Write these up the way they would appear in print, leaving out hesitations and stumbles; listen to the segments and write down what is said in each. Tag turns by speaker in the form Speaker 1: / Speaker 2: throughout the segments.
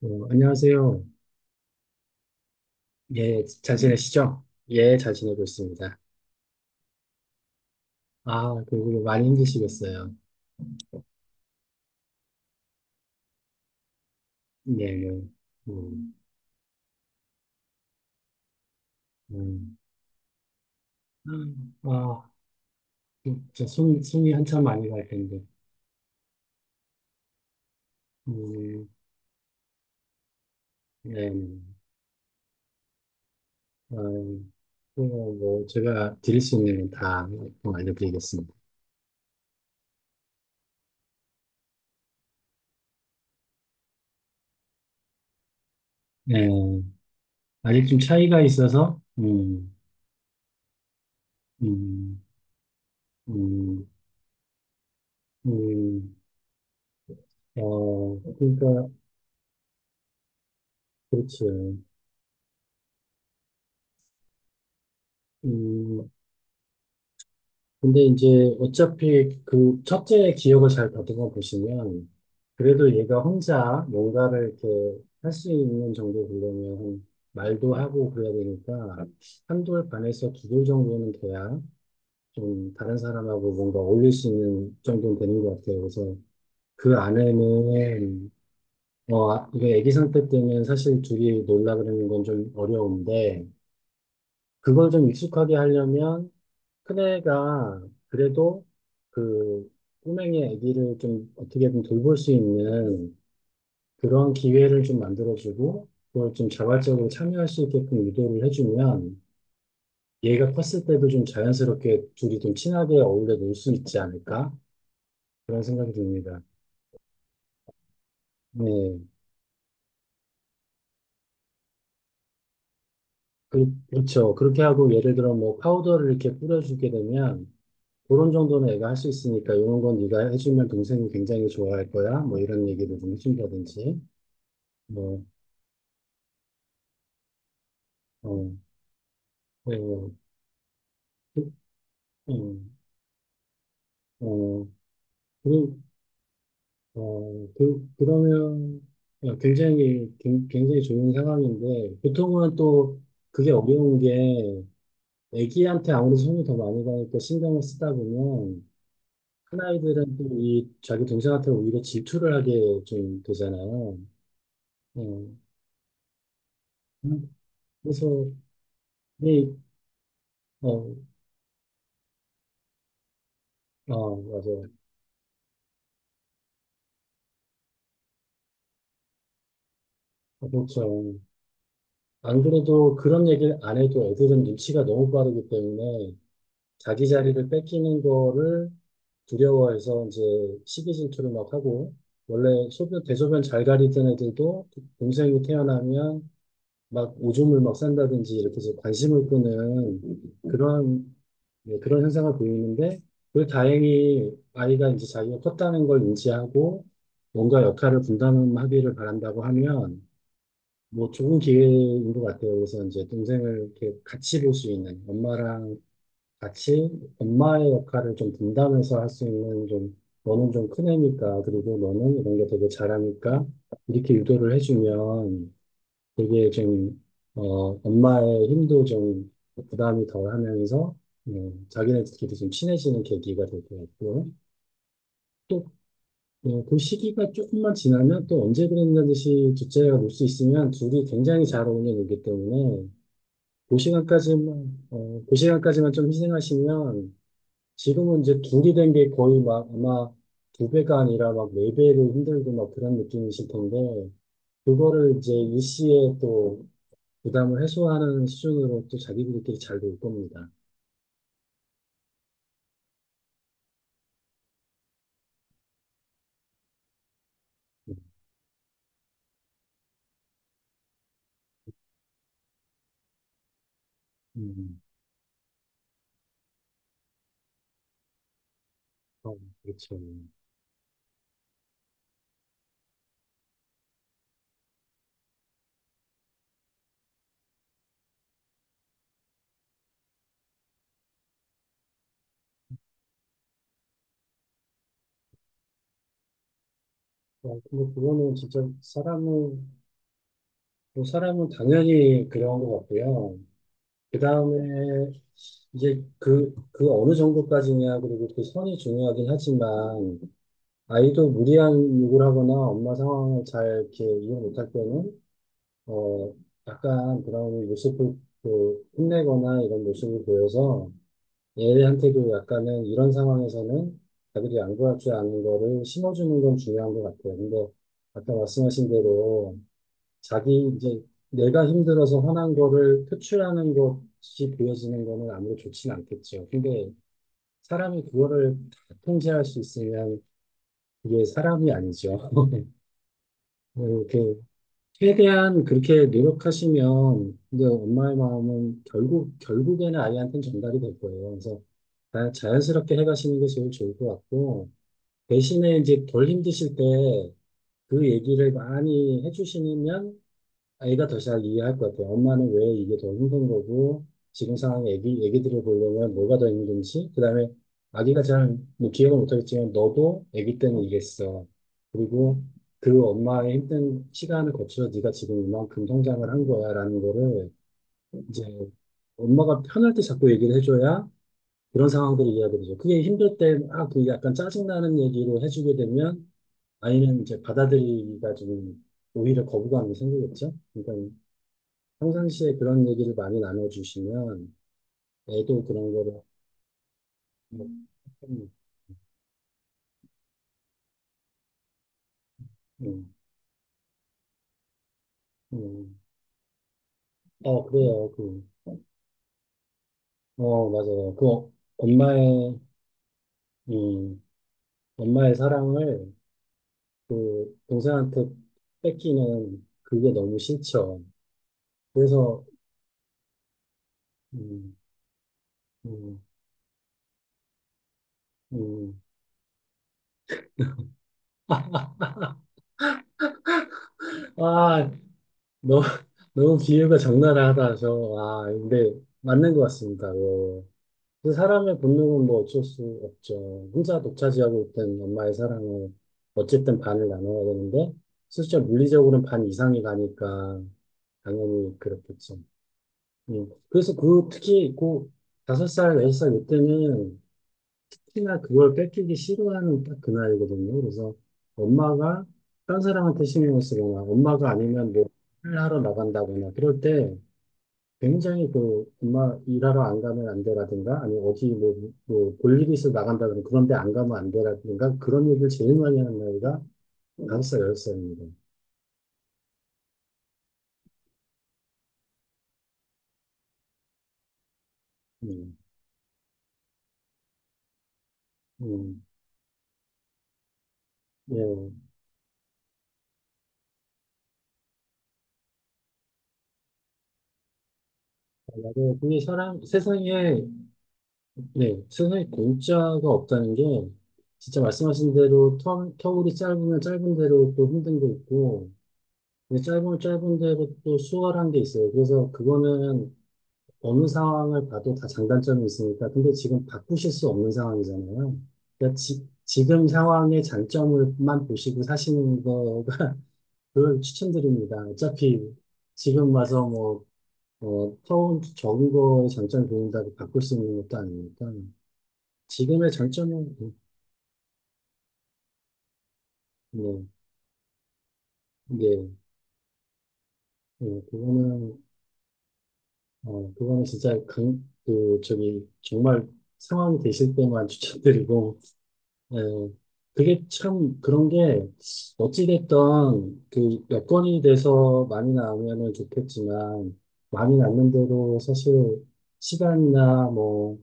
Speaker 1: 안녕하세요. 예, 잘 지내시죠? 예, 잘 지내고 있습니다. 그리고 많이 힘드시겠어요. 네, 네. 음, 음. 아, 진짜 숨이 한참 많이 갈 텐데. 음, 네, 네. 아, 뭐, 제가 드릴 수 있는 건다 알려드리겠습니다. 네, 아직 좀 차이가 있어서, 음, 음, 음, 그러니까, 그렇죠. 음, 근데 이제 어차피 그 첫째 기억을 잘 다듬어 보시면 그래도 얘가 혼자 뭔가를 이렇게 할 수 있는 정도 되려면 한 말도 하고 그래야 되니까 한 돌 반에서 두 돌 정도는 돼야 좀 다른 사람하고 뭔가 어울릴 수 있는 정도는 되는 것 같아요. 그래서 그 안에는 이게 아기 상태 때는 사실 둘이 놀라 그러는 건 좀 어려운데, 그걸 좀 익숙하게 하려면 큰애가 그래도 그 꼬맹이 아기를 좀 어떻게 든 돌볼 수 있는 그런 기회를 좀 만들어주고 그걸 좀 자발적으로 참여할 수 있게끔 유도를 해주면 얘가 컸을 때도 좀 자연스럽게 둘이 좀 친하게 어울려 놀 수 있지 않을까? 그런 생각이 듭니다. 네. 그렇죠. 그렇게 하고 예를 들어 뭐 파우더를 이렇게 뿌려주게 되면 그런 정도는 애가 할 수 있으니까 이런 건 네가 해주면 동생이 굉장히 좋아할 거야. 뭐 이런 얘기를 좀 해준다든지. 뭐, 어, 어, 그, 어, 어, 그, 그러면 굉장히, 굉장히 좋은 상황인데, 보통은 또 그게 어려운 게, 애기한테 아무래도 손이 더 많이 가니까 신경을 쓰다 보면, 큰아이들은 또 자기 동생한테 오히려 질투를 하게 좀 되잖아요. 어, 음, 그래서, 이, 어, 맞아요. 그렇죠. 안 그래도 그런 얘기를 안 해도 애들은 눈치가 너무 빠르기 때문에, 자기 자리를 뺏기는 거를 두려워해서 이제 시기 질투를 막 하고 원래 소변 대소변 잘 가리던 애들도 동생이 태어나면 막 오줌을 막 싼다든지 이렇게 해서 관심을 끄는 그런, 네, 그런 현상을 보이는데 그 다행히 아이가 이제 자기가 컸다는 걸 인지하고 뭔가 역할을 분담하기를 바란다고 하면 뭐 좋은 기회인 것 같아요. 그래서 이제 동생을 이렇게 같이 볼 수 있는 엄마랑 같이 엄마의 역할을 좀 분담해서 할 수 있는, 좀 너는 좀 큰 애니까 그리고 너는 이런 게 되게 잘하니까 이렇게 유도를 해주면 되게 좀 엄마의 힘도 좀 부담이 덜 하면서 자기네들끼리 좀 친해지는 계기가 될 것 같고, 또 그 시기가 조금만 지나면 또 언제 그랬냐 듯이 둘째가 놀 수 있으면 둘이 굉장히 잘 어울려 놀기 때문에, 그 시간까지만 좀 희생하시면, 지금은 이제 둔기된 게 거의 막 아마 두 배가 아니라 막 네 배로 힘들고 막 그런 느낌이실 텐데, 그거를 이제 일시에 또 부담을 해소하는 수준으로 또 자기들끼리 잘 놀 겁니다. 음, 음. 어, 그렇죠. 근데 그거는 진짜 사람은, 뭐 사람은 당연히 그런 것 같고요. 그 다음에 이제 그 어느 정도까지냐, 그리고 그 선이 중요하긴 하지만, 아이도 무리한 욕을 하거나 엄마 상황을 잘 이렇게 이해 못할 때는 어 약간 브라운이 모습을 혼내거나 이런 모습을 보여서 얘한테도 약간은 이런 상황에서는 자기들이 안 구할 줄 아는 거를 심어주는 건 중요한 것 같아요. 근데 아까 말씀하신 대로 자기 이제 내가 힘들어서 화난 거를 표출하는 것이 보여지는 거는 아무리 좋진 않겠죠. 근데 사람이 그거를 다 통제할 수 있으면 이게 사람이 아니죠. 뭐 이렇게 최대한 그렇게 노력하시면 이제 엄마의 마음은 결국에는 아이한테는 전달이 될 거예요. 그래서 자연스럽게 해가시는 게 제일 좋을 것 같고, 대신에 이제 덜 힘드실 때 그 얘기를 많이 해주시면 아이가 더 잘 이해할 것 같아요. 엄마는 왜 이게 더 힘든 거고, 지금 상황에 애기들을 보려면 뭐가 더 힘든지, 그 다음에 아기가 잘, 뭐 기억을 못하겠지만, 너도 애기 때는 이랬어. 그리고 그 엄마의 힘든 시간을 거쳐 네가 지금 이만큼 성장을 한 거야라는 거를 이제 엄마가 편할 때 자꾸 얘기를 해줘야 그런 상황들을 이해하게 되죠. 그게 힘들 때, 그 약간 짜증나는 얘기로 해주게 되면 아이는 이제 받아들이기가 좀 오히려 거부감이 생기겠죠. 그러니까 평상시에 그런 얘기를 많이 나눠주시면 애도 그런 거를 뭐, 음, 음, 음. 그래요. 그어 맞아요. 엄마의 음, 엄마의 사랑을 그 동생한테 뺏기는 그게 너무 싫죠. 그래서. 음, 음, 음. 아 너무 너무 비유가 적나라하다. 근데 맞는 것 같습니다. 그 사람의 본능은 뭐 어쩔 수 없죠. 혼자 독차지하고 있던 엄마의 사랑을 어쨌든 반을 나눠야 되는데, 실제 물리적으로는 반 이상이 가니까 당연히 그렇겠죠. 음. 그래서 특히 그 다섯 살, 여섯 살 이때는 특히나 그걸 뺏기기 싫어하는 딱 그 나이거든요. 그래서 엄마가 딴 사람한테 신경을 쓰거나 엄마가 아니면 뭐 일하러 나간다거나 그럴 때 굉장히 그 엄마 일하러 안 가면 안 돼라든가 아니 어디 뭐 볼일 이 있어 나간다든가 그런데 안 가면 안 돼라든가 그런 얘기를 제일 많이 하는 나이가 다섯 살, 여섯 살입니다. 음, 음, 예. 만약에 이 사람, 세상에, 네, 세상에 공짜가 없다는 게 진짜 말씀하신 대로 터울이 짧으면 짧은 대로 또 힘든 게 있고, 근데 짧으면 짧은 대로 또 수월한 게 있어요. 그래서 그거는 어느 상황을 봐도 다 장단점이 있으니까. 근데 지금 바꾸실 수 없는 상황이잖아요. 그러니까 지, 금 상황의 장점을만 보시고 사시는 거가 그걸 추천드립니다. 어차피 지금 와서 뭐, 처음 적은 거의 장점을 보인다고 바꿀 수 있는 것도 아니니까. 지금의 장점은, 뭐, 네, 네, 그거는 진짜 저기, 정말 상황이 되실 때만 추천드리고, 네, 그게 참 그런 게 어찌됐던 그 여건이 돼서 많이 나오면은 좋겠지만, 많이 낳는 대로 사실 시간이나 뭐,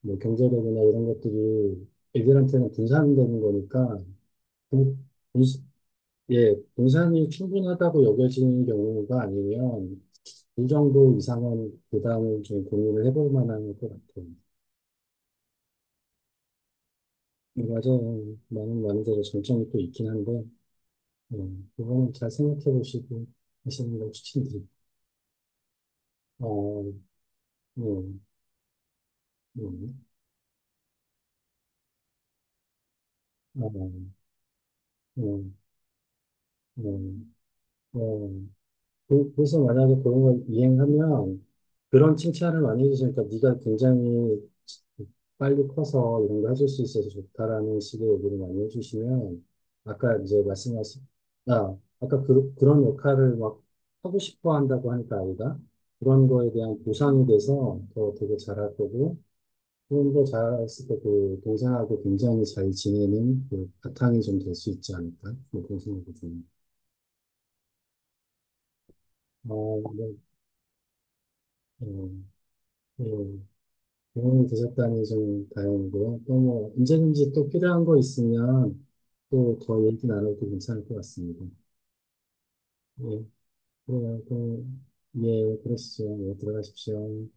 Speaker 1: 뭐 경제력이나 이런 것들이 애들한테는 분산되는 거니까 분, 분, 예, 분산이 충분하다고 여겨지는 경우가 아니면 이 정도 이상은 부담을 좀 고민을 해볼 만한 것 같아요. 맞아요. 많은 데로 장점이 또 있긴 한데 그거는 잘 생각해 보시고 하시는 걸 추천드립니다. 어, 음, 음, 어, 음, 음, 어. 그래서 만약에 그런 걸 이행하면 그런 칭찬을 많이 해주시니까 네가 굉장히 빨리 커서 이런 거 해줄 수 있어서 좋다라는 식의 얘기를 많이 해주시면 아까 이제 말씀하신, 아까 그런 역할을 막 하고 싶어 한다고 하니까 아이가 그런 거에 대한 보상이 돼서 더 되게 잘할 거고 혼자 자랐을 때 그 동생하고 굉장히 잘 지내는 그 바탕이 좀 될 수 있지 않을까? 뭐 그런 생각이 드네요. 어, 네. 어, 예. 도움이 되셨다니 좀 다행이고요. 또 뭐, 언제든지 또 필요한 거 있으면 또 더 얘기 나눠도 괜찮을 것 같습니다. 예, 그래요. 또, 예, 그러시죠. 예, 들어가십시오.